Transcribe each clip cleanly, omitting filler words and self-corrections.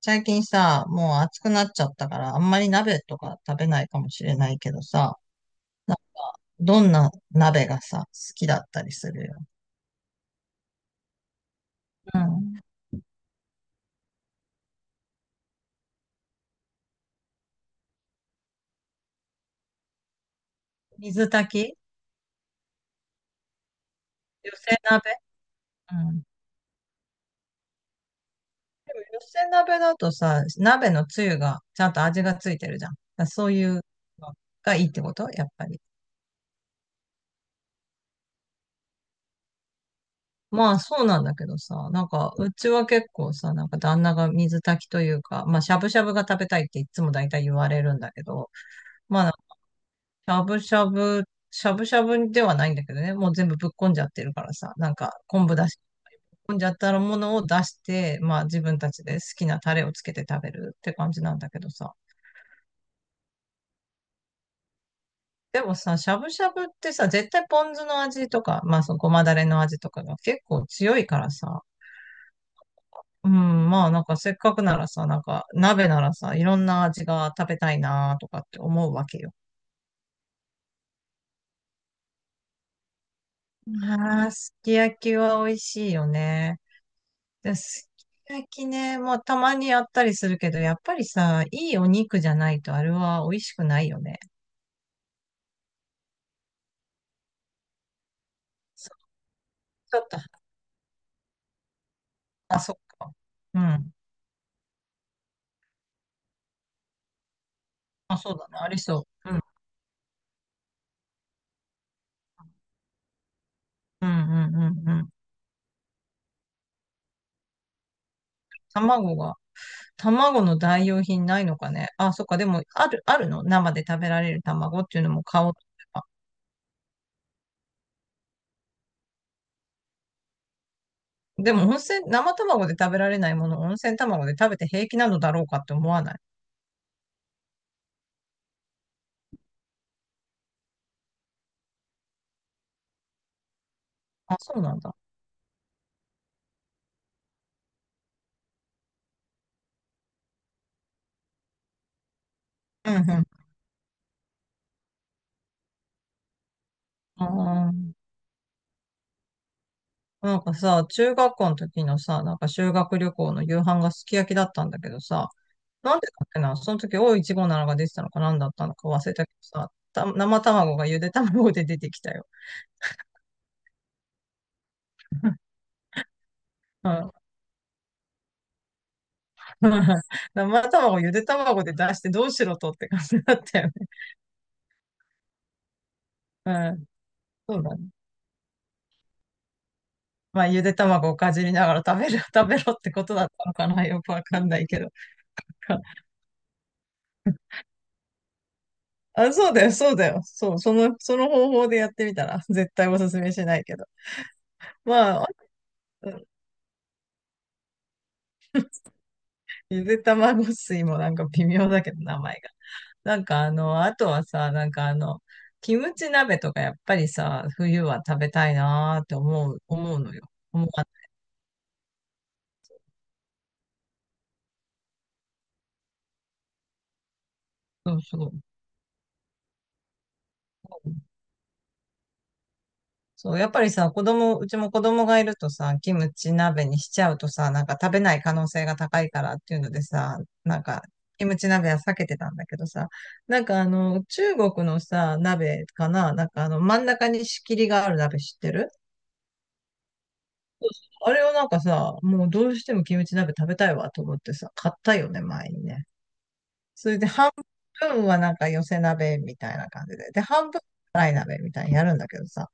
最近さ、もう暑くなっちゃったから、あんまり鍋とか食べないかもしれないけどさ、なんか、どんな鍋がさ、好きだったりするよ。うん。水炊き寄せ鍋うん。でも、寄せ鍋だとさ、鍋のつゆが、ちゃんと味がついてるじゃん。だからそういうのがいいってことやっぱり。まあ、そうなんだけどさ、なんか、うちは結構さ、なんか旦那が水炊きというか、まあ、しゃぶしゃぶが食べたいっていつも大体言われるんだけど、まあしゃぶしゃぶ、しゃぶしゃぶではないんだけどね、もう全部ぶっこんじゃってるからさ、なんか昆布出し、ぶっこんじゃったものを出して、まあ自分たちで好きなタレをつけて食べるって感じなんだけどさ。でもさ、しゃぶしゃぶってさ、絶対ポン酢の味とか、まあそのごまだれの味とかが結構強いからさ、うん、まあなんかせっかくならさ、なんか鍋ならさ、いろんな味が食べたいなとかって思うわけよ。ああ、すき焼きは美味しいよね。で、すき焼きね、まあたまにやったりするけど、やっぱりさ、いいお肉じゃないとあれは美味しくないよね。そう、ちょっと、あ、そっか。うん。あ、そうだね。ありそう。うん。うんうんうんうん。卵が、卵の代用品ないのかね。あ、そっか。でも、あるの生で食べられる卵っていうのも買おうと思えば。でも、温泉、生卵で食べられないものを温泉卵で食べて平気なのだろうかって思わない。あ、そうなんだ。うんうん。あーなんかさ、中学校の時のさ、なんか修学旅行の夕飯がすき焼きだったんだけどさ、なんでだっけな、その時オーいちごなのが出てたのか何だったのか忘れたけどさ、生卵がゆで卵で出てきたよ。うん。生卵ゆで卵で出してどうしろとって感じだったよね。うん。そうだね。まあ、ゆで卵をかじりながら食べる、食べろってことだったのかなよくわかんないけど。あ、そうだよ、そうだよ。そう、その、その方法でやってみたら、絶対おすすめしないけど。まあ、ゆで卵水もなんか微妙だけど、名前が。なんかあの、あとはさ、なんかあの、キムチ鍋とかやっぱりさ、冬は食べたいなーって思うのよ。思わないそうそう。そう、やっぱりさ、子供、うちも子供がいるとさ、キムチ鍋にしちゃうとさ、なんか食べない可能性が高いからっていうのでさ、なんか、キムチ鍋は避けてたんだけどさ、なんかあの、中国のさ、鍋かな、なんかあの、真ん中に仕切りがある鍋知ってるあれをなんかさ、もうどうしてもキムチ鍋食べたいわと思ってさ、買ったよね、前にね。それで半分はなんか寄せ鍋みたいな感じで。で、半分は辛い鍋みたいにやるんだけどさ、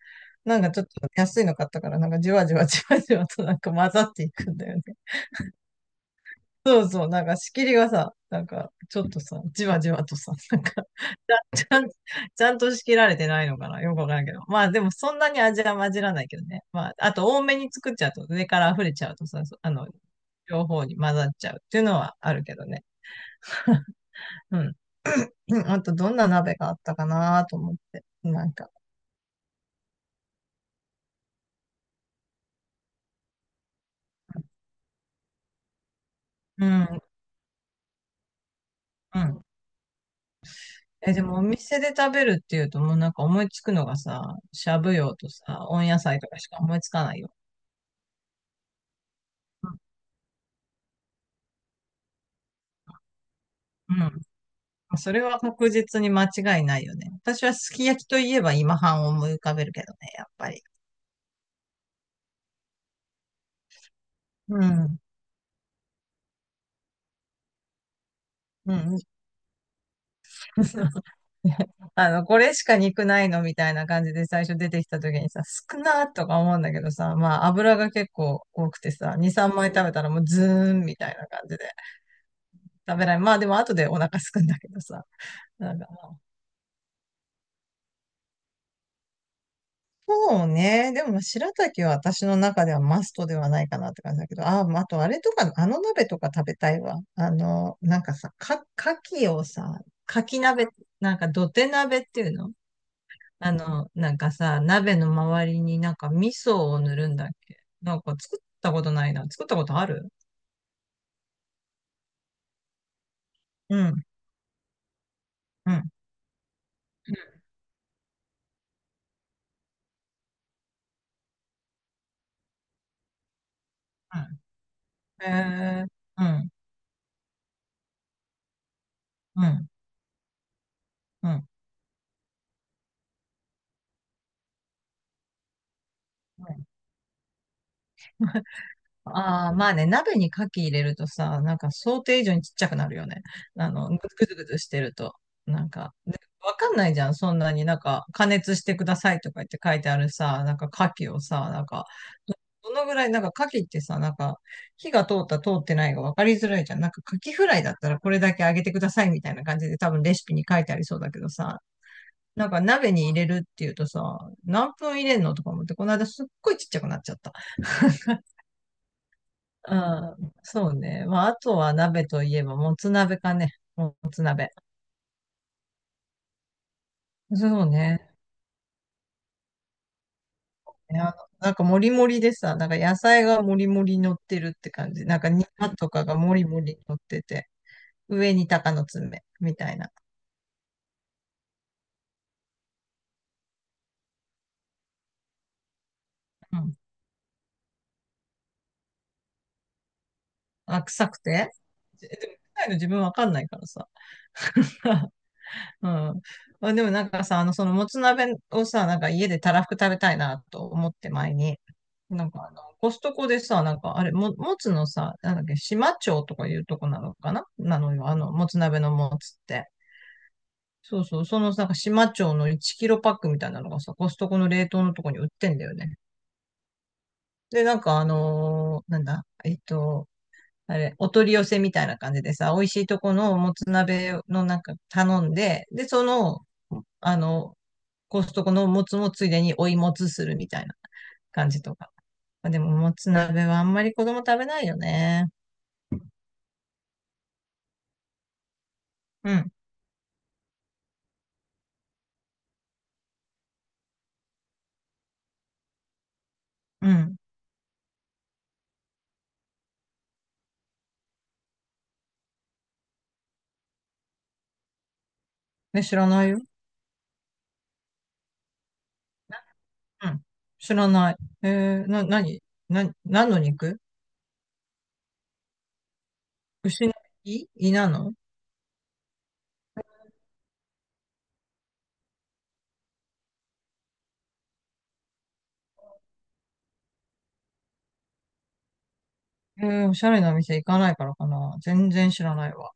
なんかちょっと安いの買ったから、なんかじわじわじわじわとなんか混ざっていくんだよね。そうそう、なんか仕切りがさ、なんかちょっとさ、じわじわとさ、なんかちゃん、ちゃんと仕切られてないのかなよくわからんけど。まあでもそんなに味は混じらないけどね。まあ、あと多めに作っちゃうと、上から溢れちゃうとさ、そあの、両方に混ざっちゃうっていうのはあるけどね。うん。うんあとどんな鍋があったかなと思って。なんか。うん。うん。え、でもお店で食べるっていうともうなんか思いつくのがさ、しゃぶ葉とさ、温野菜とかしか思いつかないよ。うん。それは確実に間違いないよね。私はすき焼きといえば今半を思い浮かべるけどね、やっぱり。うん。うん。あの、これしか肉ないのみたいな感じで最初出てきた時にさ、少なーとか思うんだけどさ、まあ油が結構多くてさ、2、3枚食べたらもうズーンみたいな感じで食べない。まあでも後でお腹すくんだけどさ、なんかそうね。でも、まあ白滝は私の中ではマストではないかなって感じだけど、あ、まああとあれとか、あの鍋とか食べたいわ。あの、なんかさ、か、牡蠣をさ、牡蠣鍋、なんか土手鍋っていうのあの、なんかさ、鍋の周りになんか味噌を塗るんだっけなんか作ったことないな。作ったことあるうん、うん、うん。へえ、うん、うん、うん。ああ、まあね、鍋に牡蠣入れるとさ、なんか想定以上にちっちゃくなるよね。あの、ぐズぐズぐつしてると。なんか、でわかんないじゃん。そんなになんか、加熱してくださいとか言って書いてあるさ、なんか牡蠣をさ、なんか、どどのぐらい、なんか牡蠣ってさ、なんか、火が通った通ってないが分かりづらいじゃん。なんか牡蠣フライだったらこれだけ揚げてくださいみたいな感じで多分レシピに書いてありそうだけどさ、なんか鍋に入れるっていうとさ、何分入れんのとか思って、この間すっごいちっちゃくなっちゃった。ああ、そうね。まあ、あとは鍋といえば、もつ鍋かね。もつ鍋。そうね。いや、なんかもりもりでさ、なんか野菜がもりもり乗ってるって感じ。なんかニラとかがもりもり乗ってて、上に鷹の爪みたいな。うん。あ、臭くてえでも臭いの自分わかんないからさ。うん。まあ、でもなんかさ、あの、そのもつ鍋をさ、なんか家でたらふく食べたいなと思って前に、なんかあの、コストコでさ、なんかあれ、もつのさ、なんだっけ、島町とかいうとこなのかななのよ、あの、もつ鍋のもつって。そうそう、そのなんか島町の1キロパックみたいなのがさ、コストコの冷凍のとこに売ってんだよね。で、なんかあのーなんだ、あれ、お取り寄せみたいな感じでさ、美味しいとこのもつ鍋のなんか頼んで、で、その、あの、コストコのもつもついでに追いもつするみたいな感じとか。まあ、でも、もつ鍋はあんまり子供食べないよね。うん、うん。ね、知らないよ。うん。知らない。えー、な、なに、何の肉牛の胃なのえー、おしゃれな店行かないからかな。全然知らないわ。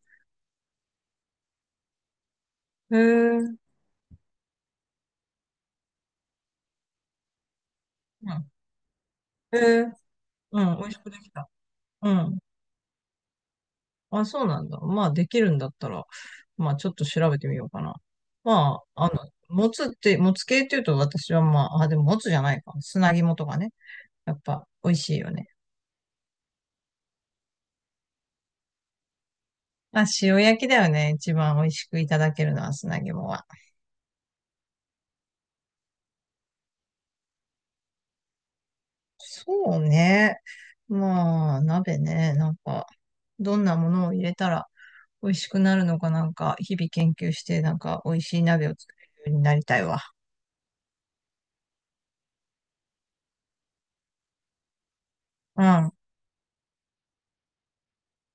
えー、うん。えー、うん、美味しくできた。うん。あ、そうなんだ。まあ、できるんだったら、まあ、ちょっと調べてみようかな。まあ、あの、もつって、もつ系っていうと私はまあ、あ、でももつじゃないか。砂肝とかね。やっぱ、美味しいよね。まあ、塩焼きだよね。一番美味しくいただけるのは砂肝は。そうね。まあ、鍋ね。なんか、どんなものを入れたら美味しくなるのかなんか、日々研究して、なんか、美味しい鍋を作れるようになりたいわ。うん。